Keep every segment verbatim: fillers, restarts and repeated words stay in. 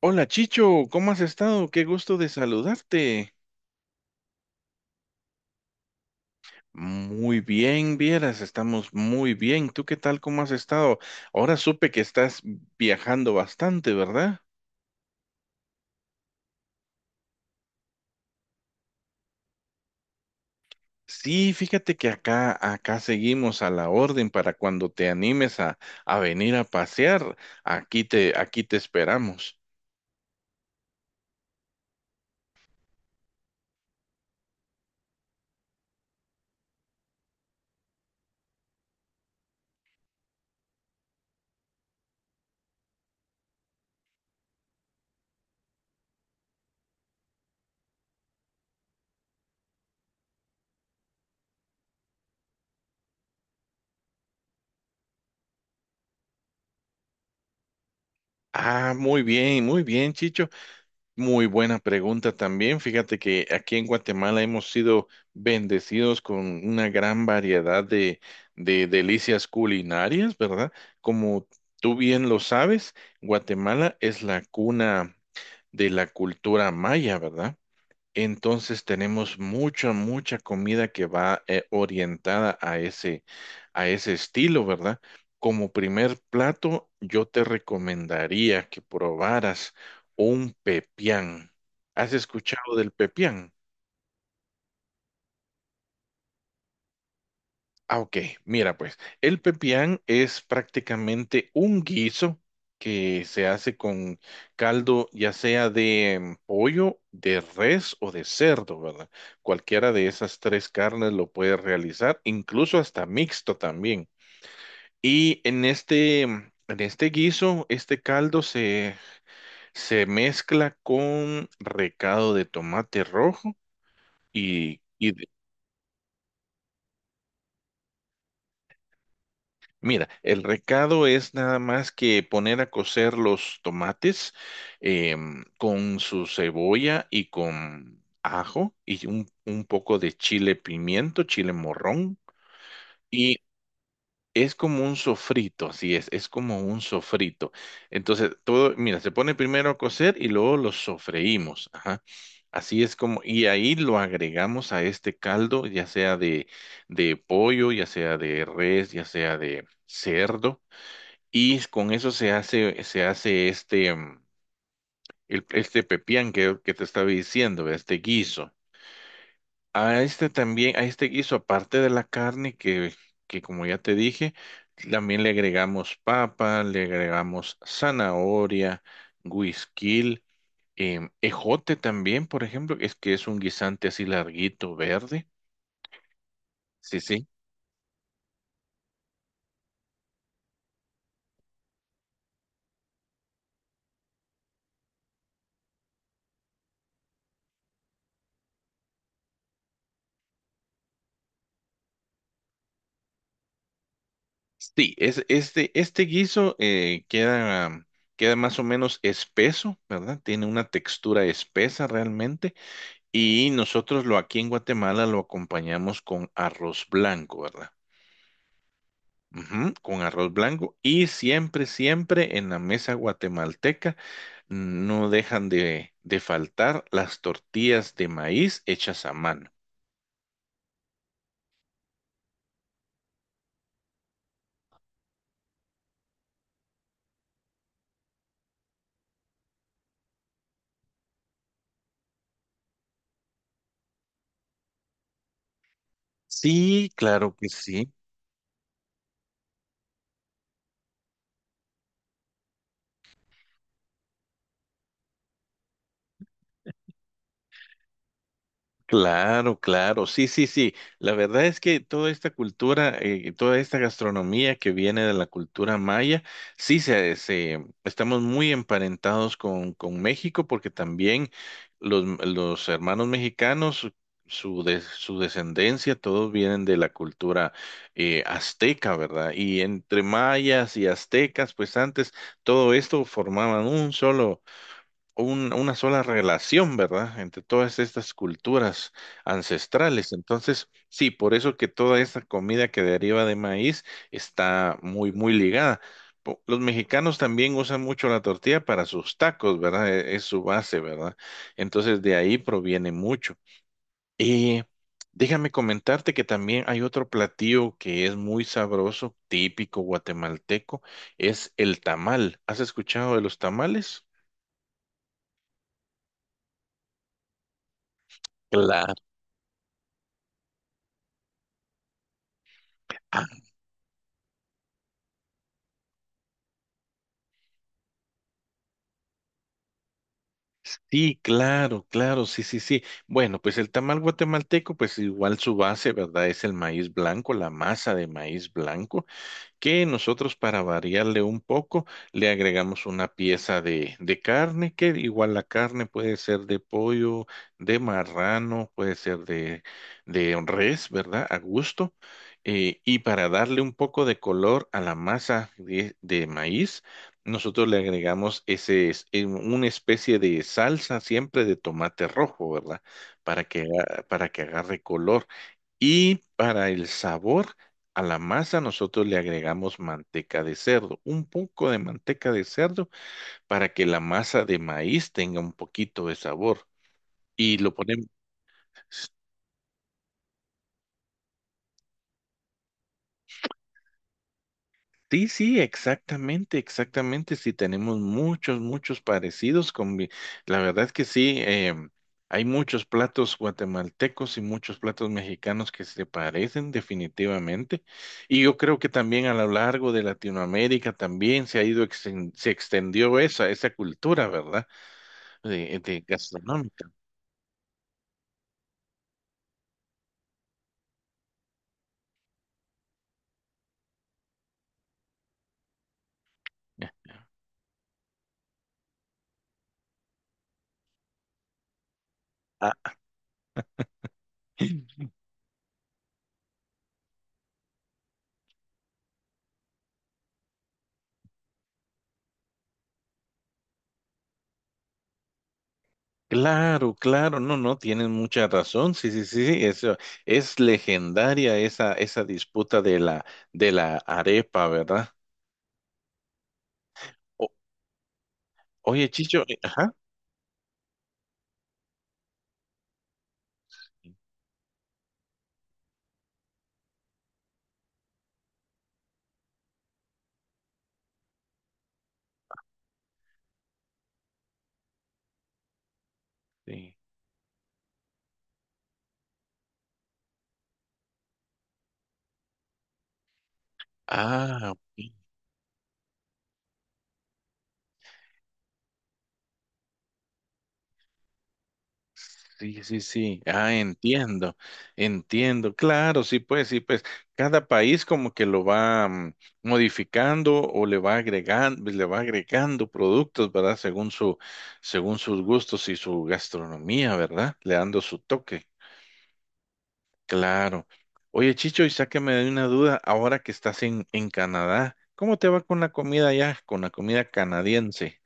Hola Chicho, ¿cómo has estado? Qué gusto de saludarte. Muy bien, vieras, estamos muy bien. ¿Tú qué tal? ¿Cómo has estado? Ahora supe que estás viajando bastante, ¿verdad? Sí, fíjate que acá, acá seguimos a la orden para cuando te animes a, a venir a pasear. Aquí te, aquí te esperamos. Ah, muy bien, muy bien, Chicho. Muy buena pregunta también. Fíjate que aquí en Guatemala hemos sido bendecidos con una gran variedad de, de delicias culinarias, ¿verdad? Como tú bien lo sabes, Guatemala es la cuna de la cultura maya, ¿verdad? Entonces tenemos mucha, mucha comida que va eh, orientada a ese, a ese estilo, ¿verdad? Como primer plato, yo te recomendaría que probaras un pepián. ¿Has escuchado del pepián? Ah, ok. Mira, pues, el pepián es prácticamente un guiso que se hace con caldo, ya sea de mm, pollo, de res o de cerdo, ¿verdad? Cualquiera de esas tres carnes lo puedes realizar, incluso hasta mixto también. Y en este, mm, en este guiso, este caldo se, se mezcla con recado de tomate rojo y, y mira, el recado es nada más que poner a cocer los tomates em, con su cebolla y con ajo y un, un poco de chile pimiento, chile morrón. Y es como un sofrito, así es, es como un sofrito. Entonces, todo, mira, se pone primero a cocer y luego lo sofreímos. Ajá. Así es como, y ahí lo agregamos a este caldo, ya sea de, de pollo, ya sea de res, ya sea de cerdo. Y con eso se hace, se hace este, mm, el- este pepián que, que te estaba diciendo, este guiso. A este también, a este guiso, aparte de la carne que, que como ya te dije, también le agregamos papa, le agregamos zanahoria, güisquil, em, ejote también, por ejemplo, es que es un guisante así larguito, verde. Sí, sí. Sí, es, este, este guiso eh, queda, queda más o menos espeso, ¿verdad? Tiene una textura espesa realmente y nosotros lo aquí en Guatemala lo acompañamos con arroz blanco, ¿verdad? Ujú, con arroz blanco y siempre, siempre en la mesa guatemalteca no dejan de, de faltar las tortillas de maíz hechas a mano. Sí, claro que sí. Claro, claro, sí, sí, sí. La verdad es que toda esta cultura, eh, toda esta gastronomía que viene de la cultura maya, sí, se, se- estamos muy emparentados con, con México porque también los, los hermanos mexicanos, su, su de- su descendencia, todos vienen de la cultura eh, azteca, ¿verdad? Y entre mayas y aztecas, pues antes todo esto formaban un solo un- una sola relación, ¿verdad? Entre todas estas culturas ancestrales. Entonces, sí, por eso que toda esta comida que deriva de maíz está muy, muy ligada. Po- Los mexicanos también usan mucho la tortilla para sus tacos, ¿verdad? E- Es su base, ¿verdad? Entonces, de ahí proviene mucho. Y déjame comentarte que también hay otro platillo que es muy sabroso, típico guatemalteco, es el tamal. ¿Has escuchado de los tamales? Claro. Sí, claro, claro, sí, sí, sí. Bueno, pues el tamal guatemalteco, pues igual su base, ¿verdad? Es el maíz blanco, la masa de maíz blanco que nosotros para variarle un poco le agregamos una pieza de, de carne, que igual la carne puede ser de pollo, de marrano, puede ser de, de res, ¿verdad? A gusto. Eh, y para darle un poco de color a la masa de, de maíz, nosotros le agregamos ese, es- eh, una especie de salsa siempre de tomate rojo, ¿verdad? Para que, aga- para que agarre color. Y para el sabor, a la masa nosotros le agregamos manteca de cerdo, un poco de manteca de cerdo para que la masa de maíz tenga un poquito de sabor. Y lo ponemos. Sí, sí, exactamente, exactamente. Sí, tenemos muchos, muchos parecidos con mi- la verdad que sí, em, hay muchos platos guatemaltecos y muchos platos mexicanos que se parecen definitivamente. Y yo creo que también a lo largo de Latinoamérica también se ha ido, exten- se extendió esa, esa cultura, ¿verdad? De, de gastronómica. Ah, claro, claro, no, no, tienen mucha razón. Sí, sí, sí, sí, eso es legendaria esa esa disputa de la de la arepa, ¿verdad? O- Oye, Chicho, eh, ajá. Sí. Ah, ok, sí, sí, sí. Ah, entiendo. Entiendo. Claro, sí, pues, sí, pues. Cada país como que lo va mm, modificando o le va agregando, le va agregando productos, ¿verdad? Según su según sus gustos y su gastronomía, ¿verdad? Le dando su toque. Claro. Oye, Chicho, y sáqueme de una duda, ahora que estás en, en Canadá, ¿cómo te va con la comida allá, con la comida canadiense?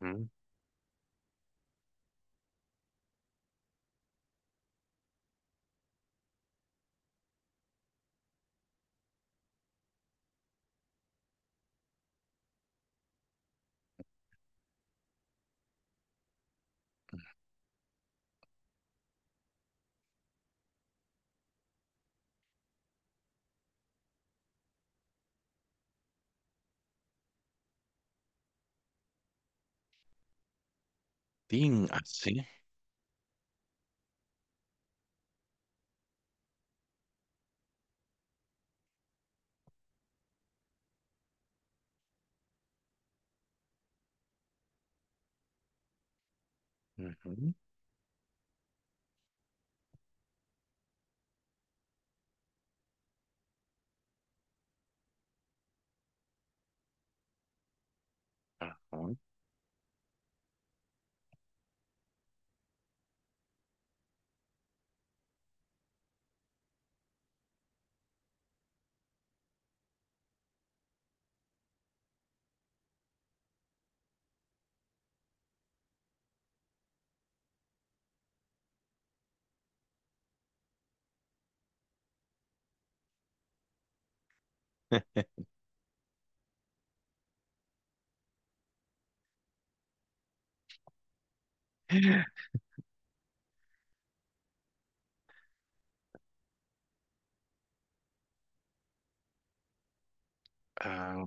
Ujú, tin, así. Ujú, ajá. Ah,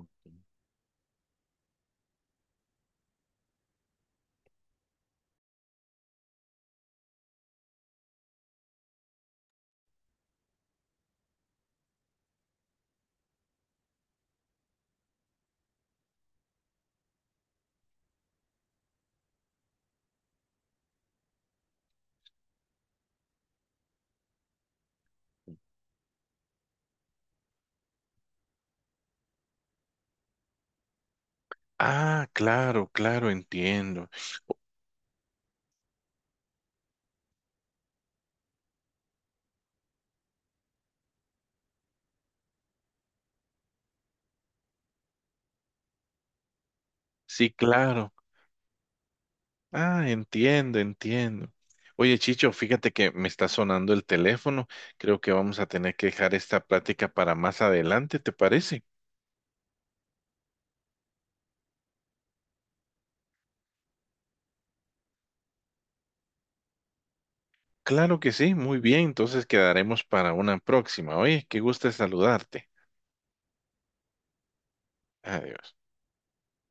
ah, claro, claro, entiendo. Sí, claro. Ah, entiendo, entiendo. Oye, Chicho, fíjate que me está sonando el teléfono. Creo que vamos a tener que dejar esta plática para más adelante, ¿te parece? Claro que sí, muy bien. Entonces quedaremos para una próxima. Oye, qué gusto saludarte. Adiós.